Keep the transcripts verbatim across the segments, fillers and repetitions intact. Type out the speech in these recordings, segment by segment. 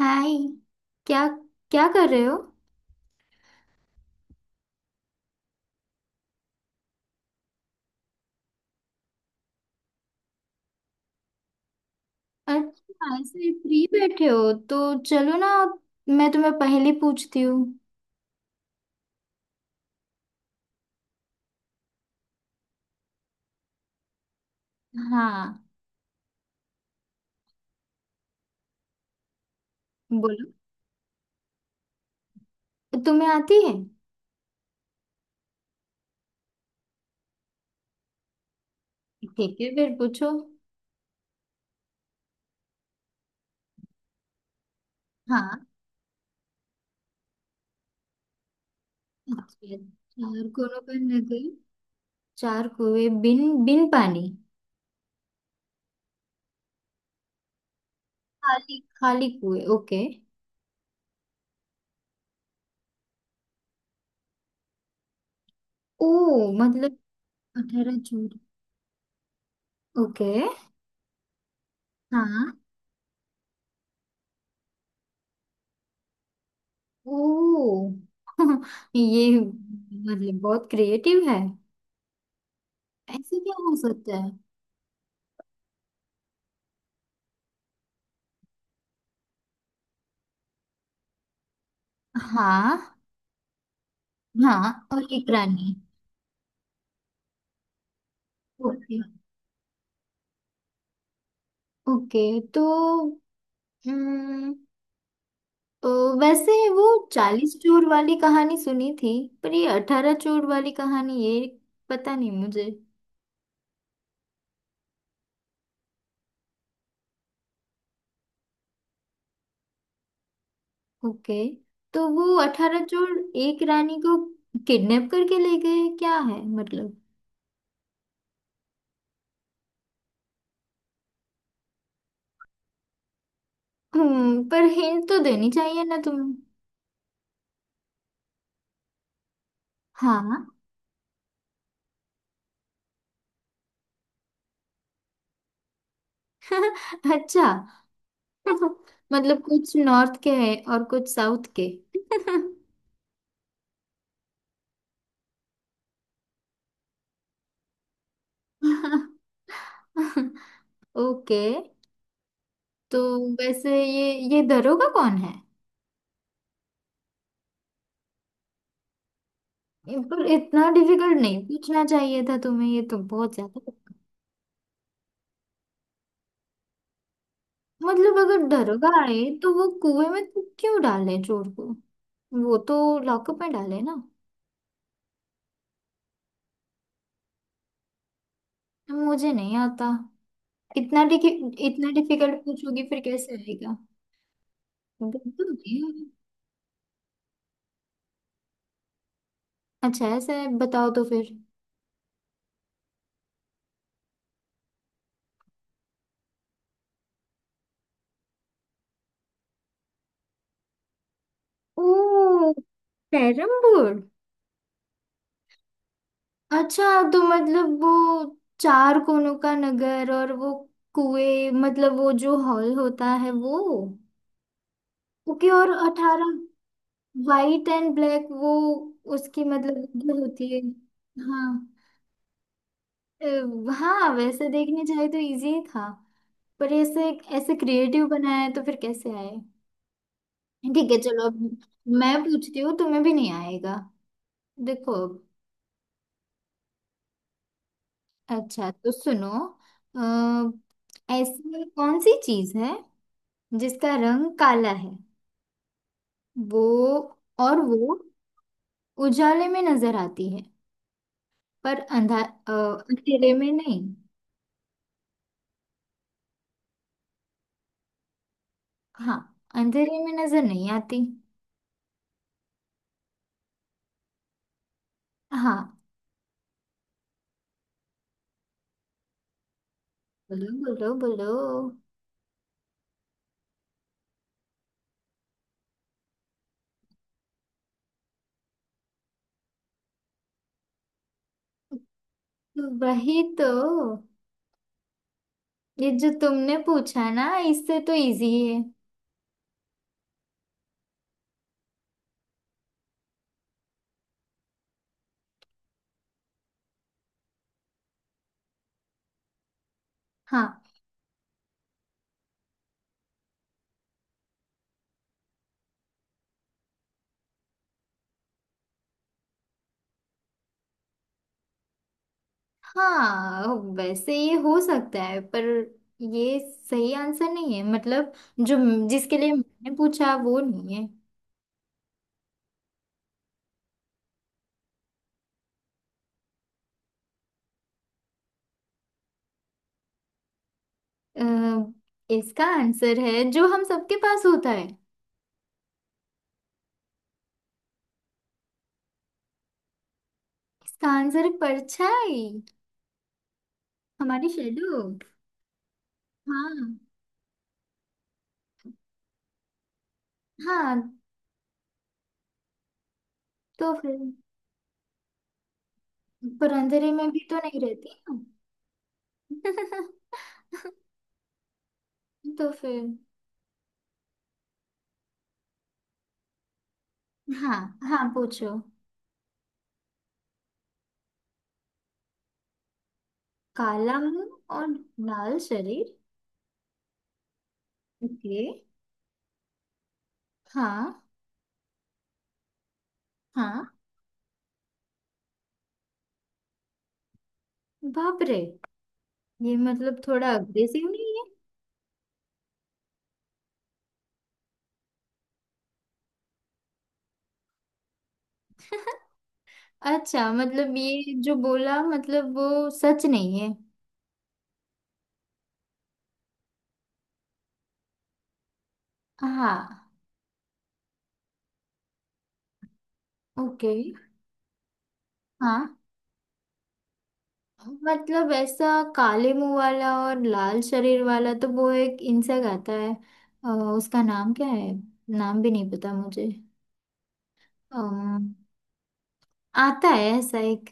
हाय। क्या क्या कर रहे हो? अच्छा, ऐसे फ्री बैठे हो तो चलो ना, मैं तुम्हें पहले पूछती हूँ। हाँ, बोलो। तुम्हें आती है? ठीक है, फिर पूछो। हाँ। अच्छा, चार कोनों पर नगर, चार कुएं बिन बिन पानी। खाली खाली कुएं। ओके। ओ, मतलब अठारह जून? ओके। हाँ। ओ। ये मतलब बहुत क्रिएटिव है। ऐसे क्या हो सकता है? हाँ, हाँ, और एक रानी। ओके। ओके तो हम्म अ, वैसे वो चालीस चोर वाली कहानी सुनी थी। पर ये अठारह चोर वाली कहानी, ये पता नहीं मुझे। ओके तो वो अठारह चोर एक रानी को किडनैप करके ले गए, क्या है मतलब? हम्म पर हिंट तो देनी चाहिए ना तुम्हें। हाँ। अच्छा। मतलब कुछ नॉर्थ के हैं और कुछ साउथ के। ओके। तो वैसे ये ये दरोगा कौन है? ये- पर इतना डिफिकल्ट नहीं पूछना चाहिए था तुम्हें, ये तो बहुत ज्यादा। मतलब अगर दरोगा आए तो वो कुएं में तो क्यों डाले चोर को? वो तो लॉकअप में डाले ना। मुझे नहीं आता। इतना डिफि इतना डिफिकल्ट पूछोगी फिर कैसे आएगा? बिल्कुल नहीं। अच्छा ऐसा है, बताओ तो फिर। ओ, कैरम बोर्ड। अच्छा, तो मतलब वो चार कोनों का नगर, और वो कुएं मतलब वो जो हॉल होता है वो। ओके, और अठारह वाइट एंड ब्लैक वो, उसकी मतलब जो होती है। हाँ। अ, हाँ, वैसे देखने जाए तो इजी ही था। पर ऐसे ऐसे क्रिएटिव बनाया है तो फिर कैसे आए? ठीक है, चलो अब मैं पूछती हूँ, तुम्हें भी नहीं आएगा, देखो। अच्छा, तो सुनो। अ, ऐसी कौन सी चीज है जिसका रंग काला है, वो? और वो उजाले में नजर आती है पर अंधा अ, अंधेरे में नहीं। हाँ, अंधेरे में नजर नहीं आती। हाँ, बोलो बोलो बोलो। तो वही तो, ये जो तुमने पूछा ना, इससे तो इजी है। हाँ। हाँ, वैसे ये हो सकता है, पर ये सही आंसर नहीं है, मतलब जो जिसके लिए मैंने पूछा वो नहीं है। अ, इसका आंसर है जो हम सबके पास होता है। इसका आंसर है परछाई। हमारी शेडो। हाँ। हाँ तो फिर, पर अंधेरे में भी तो नहीं रहती ना। तो फिर। हाँ, हाँ पूछो। काला मुंह और लाल शरीर। ओके। हाँ। हाँ। बाप रे। ये मतलब थोड़ा अग्रेसिव नहीं है? अच्छा, मतलब ये जो बोला मतलब वो सच नहीं है? हाँ। ओके। हाँ, मतलब ऐसा काले मुंह वाला और लाल शरीर वाला, तो वो एक इंसेक्ट आता है। अ, उसका नाम क्या है? नाम भी नहीं पता मुझे। अम, आता है ऐसा एक।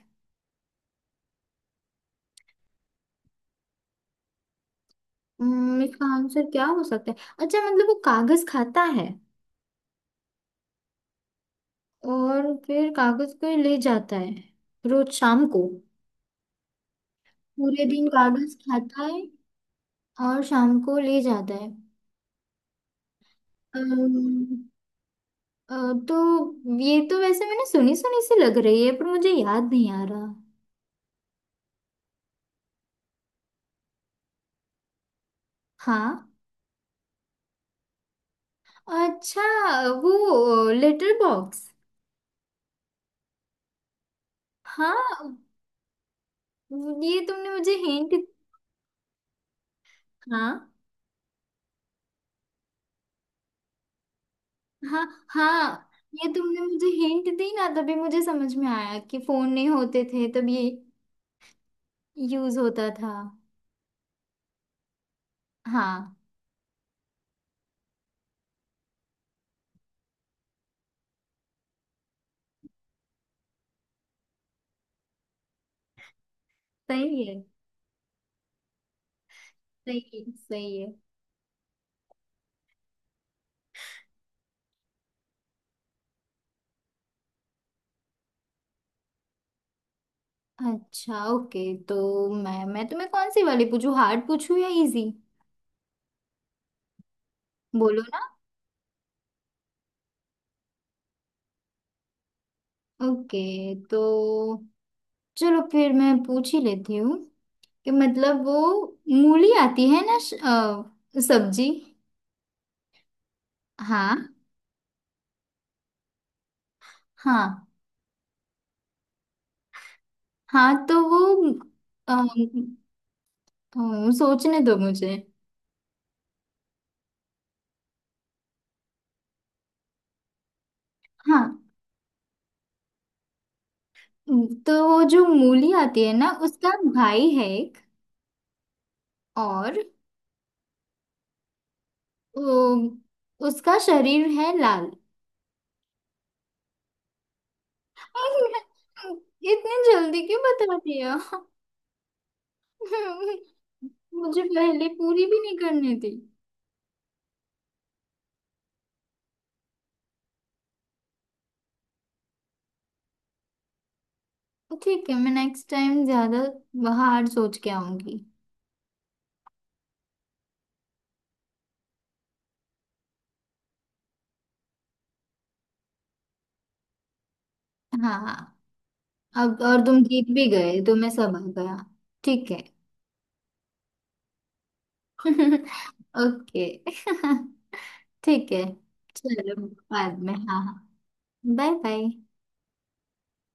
अम, इसका आंसर क्या हो सकता है? अच्छा, मतलब वो कागज खाता है और फिर कागज को ले जाता है रोज शाम को। पूरे दिन कागज खाता है और शाम को ले जाता है। अम्म, अ, तो ये तो वैसे मैंने सुनी सुनी सी लग रही है, पर मुझे याद नहीं आ रहा। हाँ। अच्छा, वो लेटर बॉक्स। हाँ, ये तुमने मुझे हिंट। हाँ, हाँ, हाँ, ये तुमने मुझे हिंट दी ना, तभी मुझे समझ में आया कि फोन नहीं होते थे तब ये यूज होता था। हाँ। सही है। सही है, सही है। अच्छा, ओके। तो मैं मैं तुम्हें कौन सी वाली पूछूं, हार्ड पूछूं या इजी? बोलो ना। ओके। तो चलो फिर मैं पूछ ही लेती हूँ, कि मतलब वो मूली आती है ना, श- अ, सब्जी। हाँ। हाँ। हाँ तो वो, अम, अम, सोचने दो मुझे। हाँ, तो वो जो मूली आती है ना, उसका भाई है एक, और अम, उसका शरीर है लाल। इतनी जल्दी क्यों बता दिया? मुझे पहले पूरी भी नहीं करनी थी। तो ठीक है, मैं नेक्स्ट टाइम ज्यादा बाहर सोच के आऊंगी। हाँ, अब और तुम जीत भी गए, तुम्हें सब आ गया। ठीक है। ओके। ठीक है। चलो, बाद में। हाँ, हाँ, बाय बाय।